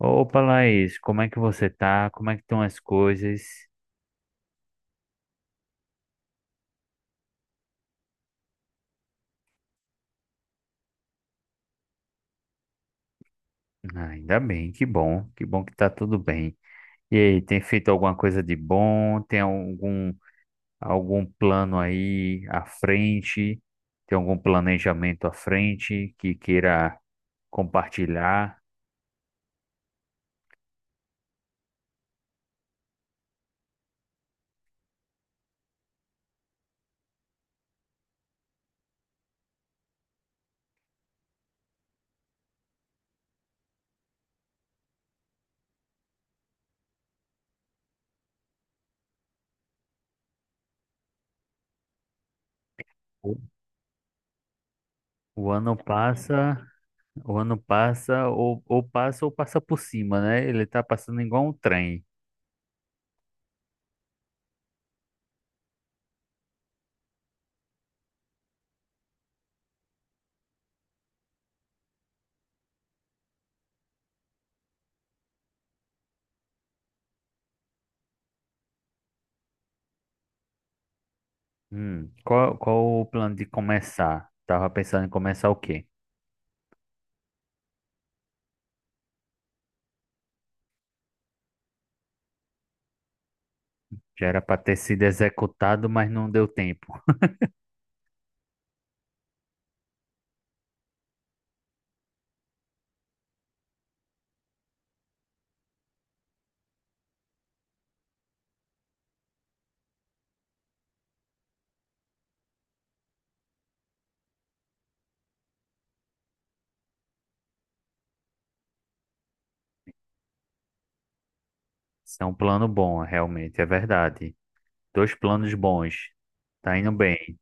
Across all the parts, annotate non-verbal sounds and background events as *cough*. Opa, Laís, como é que você tá? Como é que estão as coisas? Ah, ainda bem, que bom, que bom que tá tudo bem. E aí, tem feito alguma coisa de bom? Tem algum plano aí à frente? Tem algum planejamento à frente que queira compartilhar? O o ano passa, o ano passa, ou passa ou passa por cima, né? Ele tá passando igual um trem. Qual o plano de começar? Tava pensando em começar o quê? Já era para ter sido executado, mas não deu tempo. Isso é um plano bom, realmente, é verdade. Dois planos bons. Tá indo bem.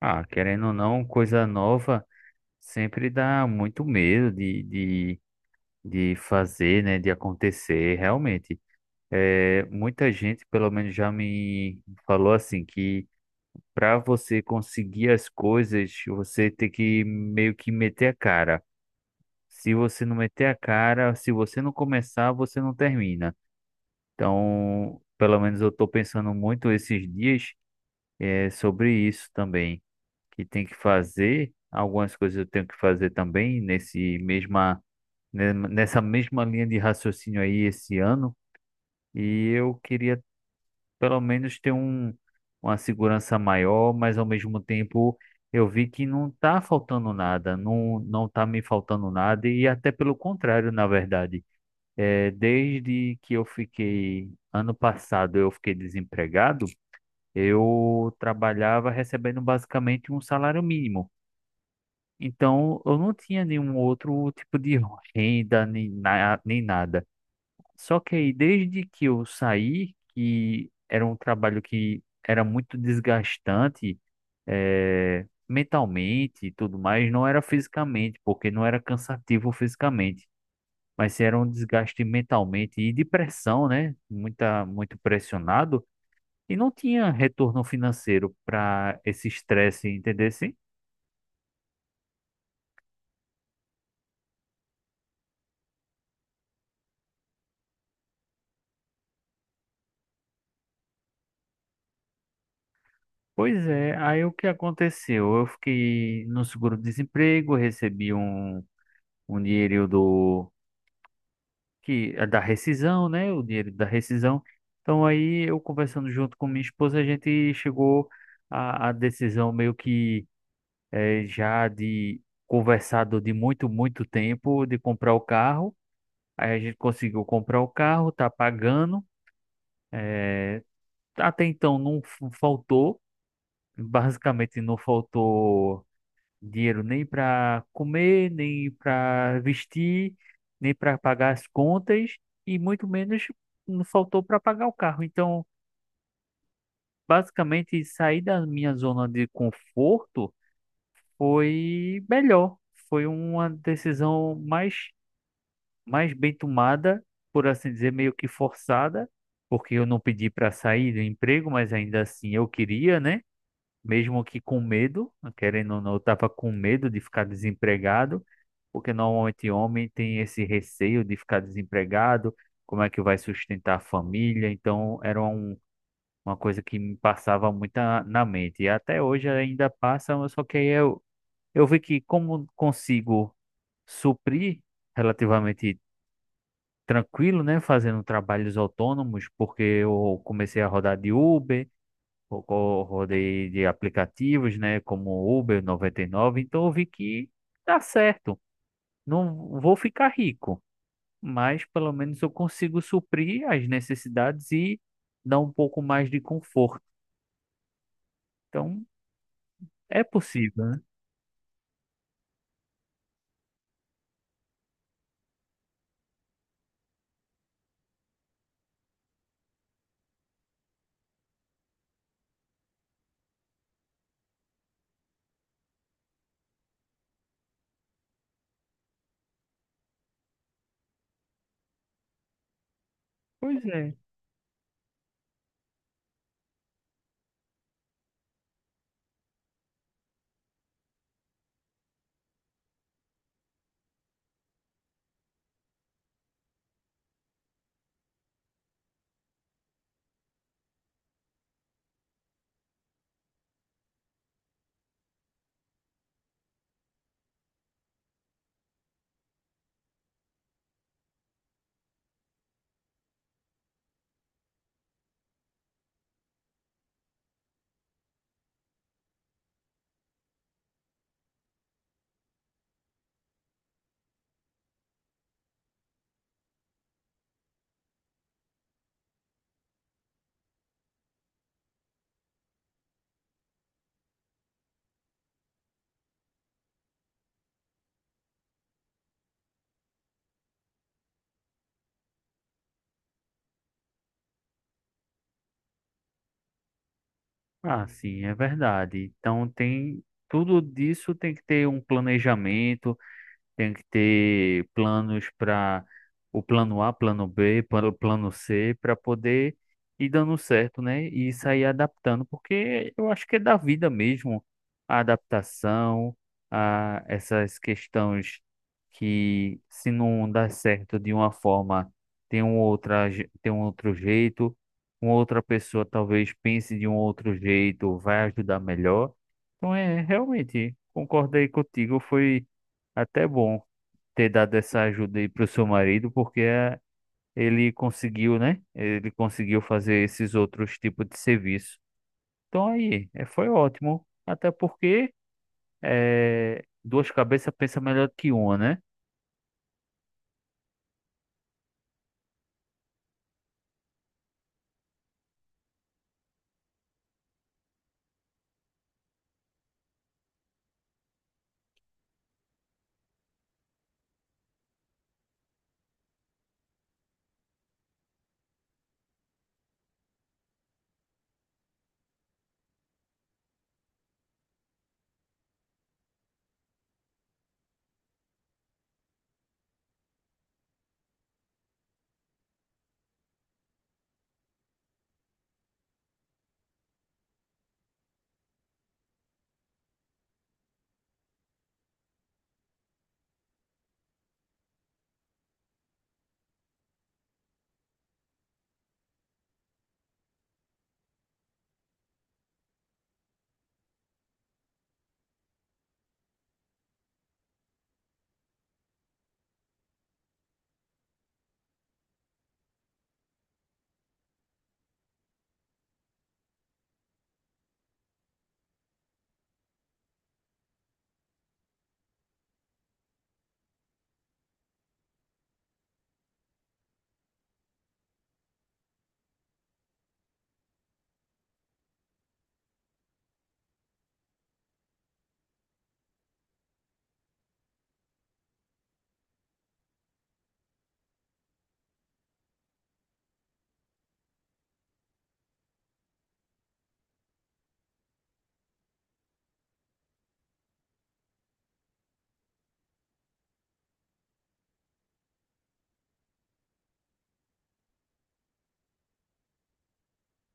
Ah, querendo ou não, coisa nova sempre dá muito medo de fazer, né? De acontecer, realmente. É, muita gente, pelo menos, já me falou assim que para você conseguir as coisas, você tem que meio que meter a cara. Se você não meter a cara, se você não começar, você não termina. Então, pelo menos eu estou pensando muito esses dias, sobre isso também, que tem que fazer, algumas coisas eu tenho que fazer também nessa mesma linha de raciocínio aí esse ano, e eu queria pelo menos uma segurança maior, mas ao mesmo tempo eu vi que não está faltando nada, não, não está me faltando nada, e até pelo contrário, na verdade. É, desde que eu fiquei, ano passado eu fiquei desempregado, eu trabalhava recebendo basicamente um salário mínimo. Então, eu não tinha nenhum outro tipo de *laughs* renda nem nada. Só que aí, desde que eu saí, que era um trabalho que era muito desgastante, mentalmente e tudo mais, não era fisicamente, porque não era cansativo fisicamente, mas era um desgaste mentalmente e de pressão, né? Muito pressionado. E não tinha retorno financeiro para esse estresse, entendesse? Pois é, aí o que aconteceu? Eu fiquei no seguro-desemprego, um dinheiro é da rescisão, né? O dinheiro da rescisão. Então aí eu conversando junto com minha esposa, a gente chegou à decisão meio que já de conversado de muito, muito tempo de comprar o carro. Aí a gente conseguiu comprar o carro, tá pagando. eh, Até então faltou, basicamente não faltou dinheiro nem para comer, nem para vestir, nem para pagar as contas e muito menos não faltou para pagar o carro. Então, basicamente, sair da minha zona de conforto foi melhor, foi uma decisão mais bem tomada, por assim dizer, meio que forçada, porque eu não pedi para sair do emprego, mas ainda assim eu queria, né? Mesmo que com medo, querendo ou não, eu estava com medo de ficar desempregado, porque normalmente homem tem esse receio de ficar desempregado, como é que vai sustentar a família, então uma coisa que me passava muito na mente, e até hoje ainda passa, mas só que eu vi que como consigo suprir relativamente tranquilo, né, fazendo trabalhos autônomos, porque eu comecei a rodar de Uber, rodei de aplicativos, né, como Uber 99. Então eu vi que dá certo. Não vou ficar rico, mas pelo menos eu consigo suprir as necessidades e dar um pouco mais de conforto. Então é possível, né? Pois é. Ah, sim, é verdade. Então tem tudo disso, tem que ter um planejamento, tem que ter planos para o plano A, plano B, para o plano C, para poder ir dando certo, né? E sair adaptando, porque eu acho que é da vida mesmo a adaptação, a essas questões, que se não dá certo de uma forma, tem um outro jeito, uma outra pessoa talvez pense de um outro jeito, vai ajudar melhor. Então é, realmente, concordei contigo, foi até bom ter dado essa ajuda aí pro seu marido, porque ele conseguiu, né? Ele conseguiu fazer esses outros tipos de serviço. Então aí, foi ótimo. Até porque duas cabeças pensam melhor que uma, né?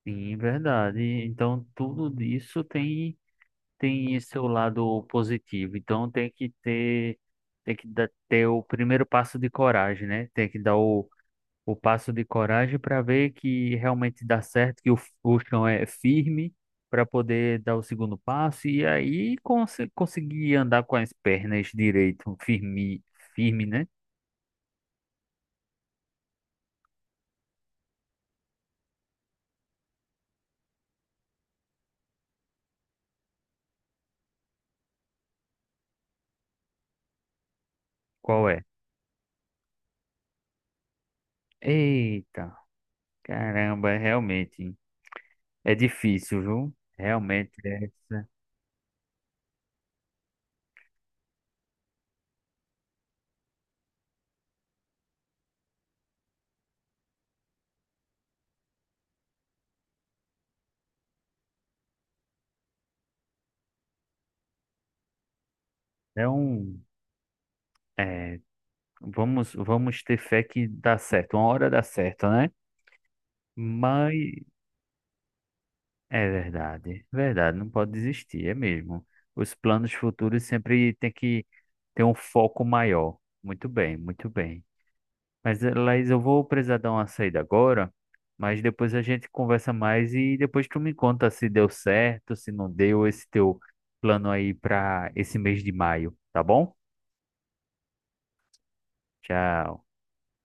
Sim, verdade. Então tudo isso tem tem seu lado positivo. Então tem que dar, ter o primeiro passo de coragem, né? Tem que dar o passo de coragem para ver que realmente dá certo, que o chão é firme para poder dar o segundo passo e aí conseguir andar com as pernas direito, firme, firme, né? Qual é? Eita, caramba, é realmente é difícil, viu? Realmente essa é um é, vamos ter fé que dá certo, uma hora dá certo, né? Mas é verdade, verdade, não pode desistir, é mesmo. Os planos futuros sempre tem que ter um foco maior. Muito bem, muito bem. Mas, Laís, eu vou precisar dar uma saída agora, mas depois a gente conversa mais e depois tu me conta se deu certo, se não deu esse teu plano aí para esse mês de maio, tá bom? Tchau.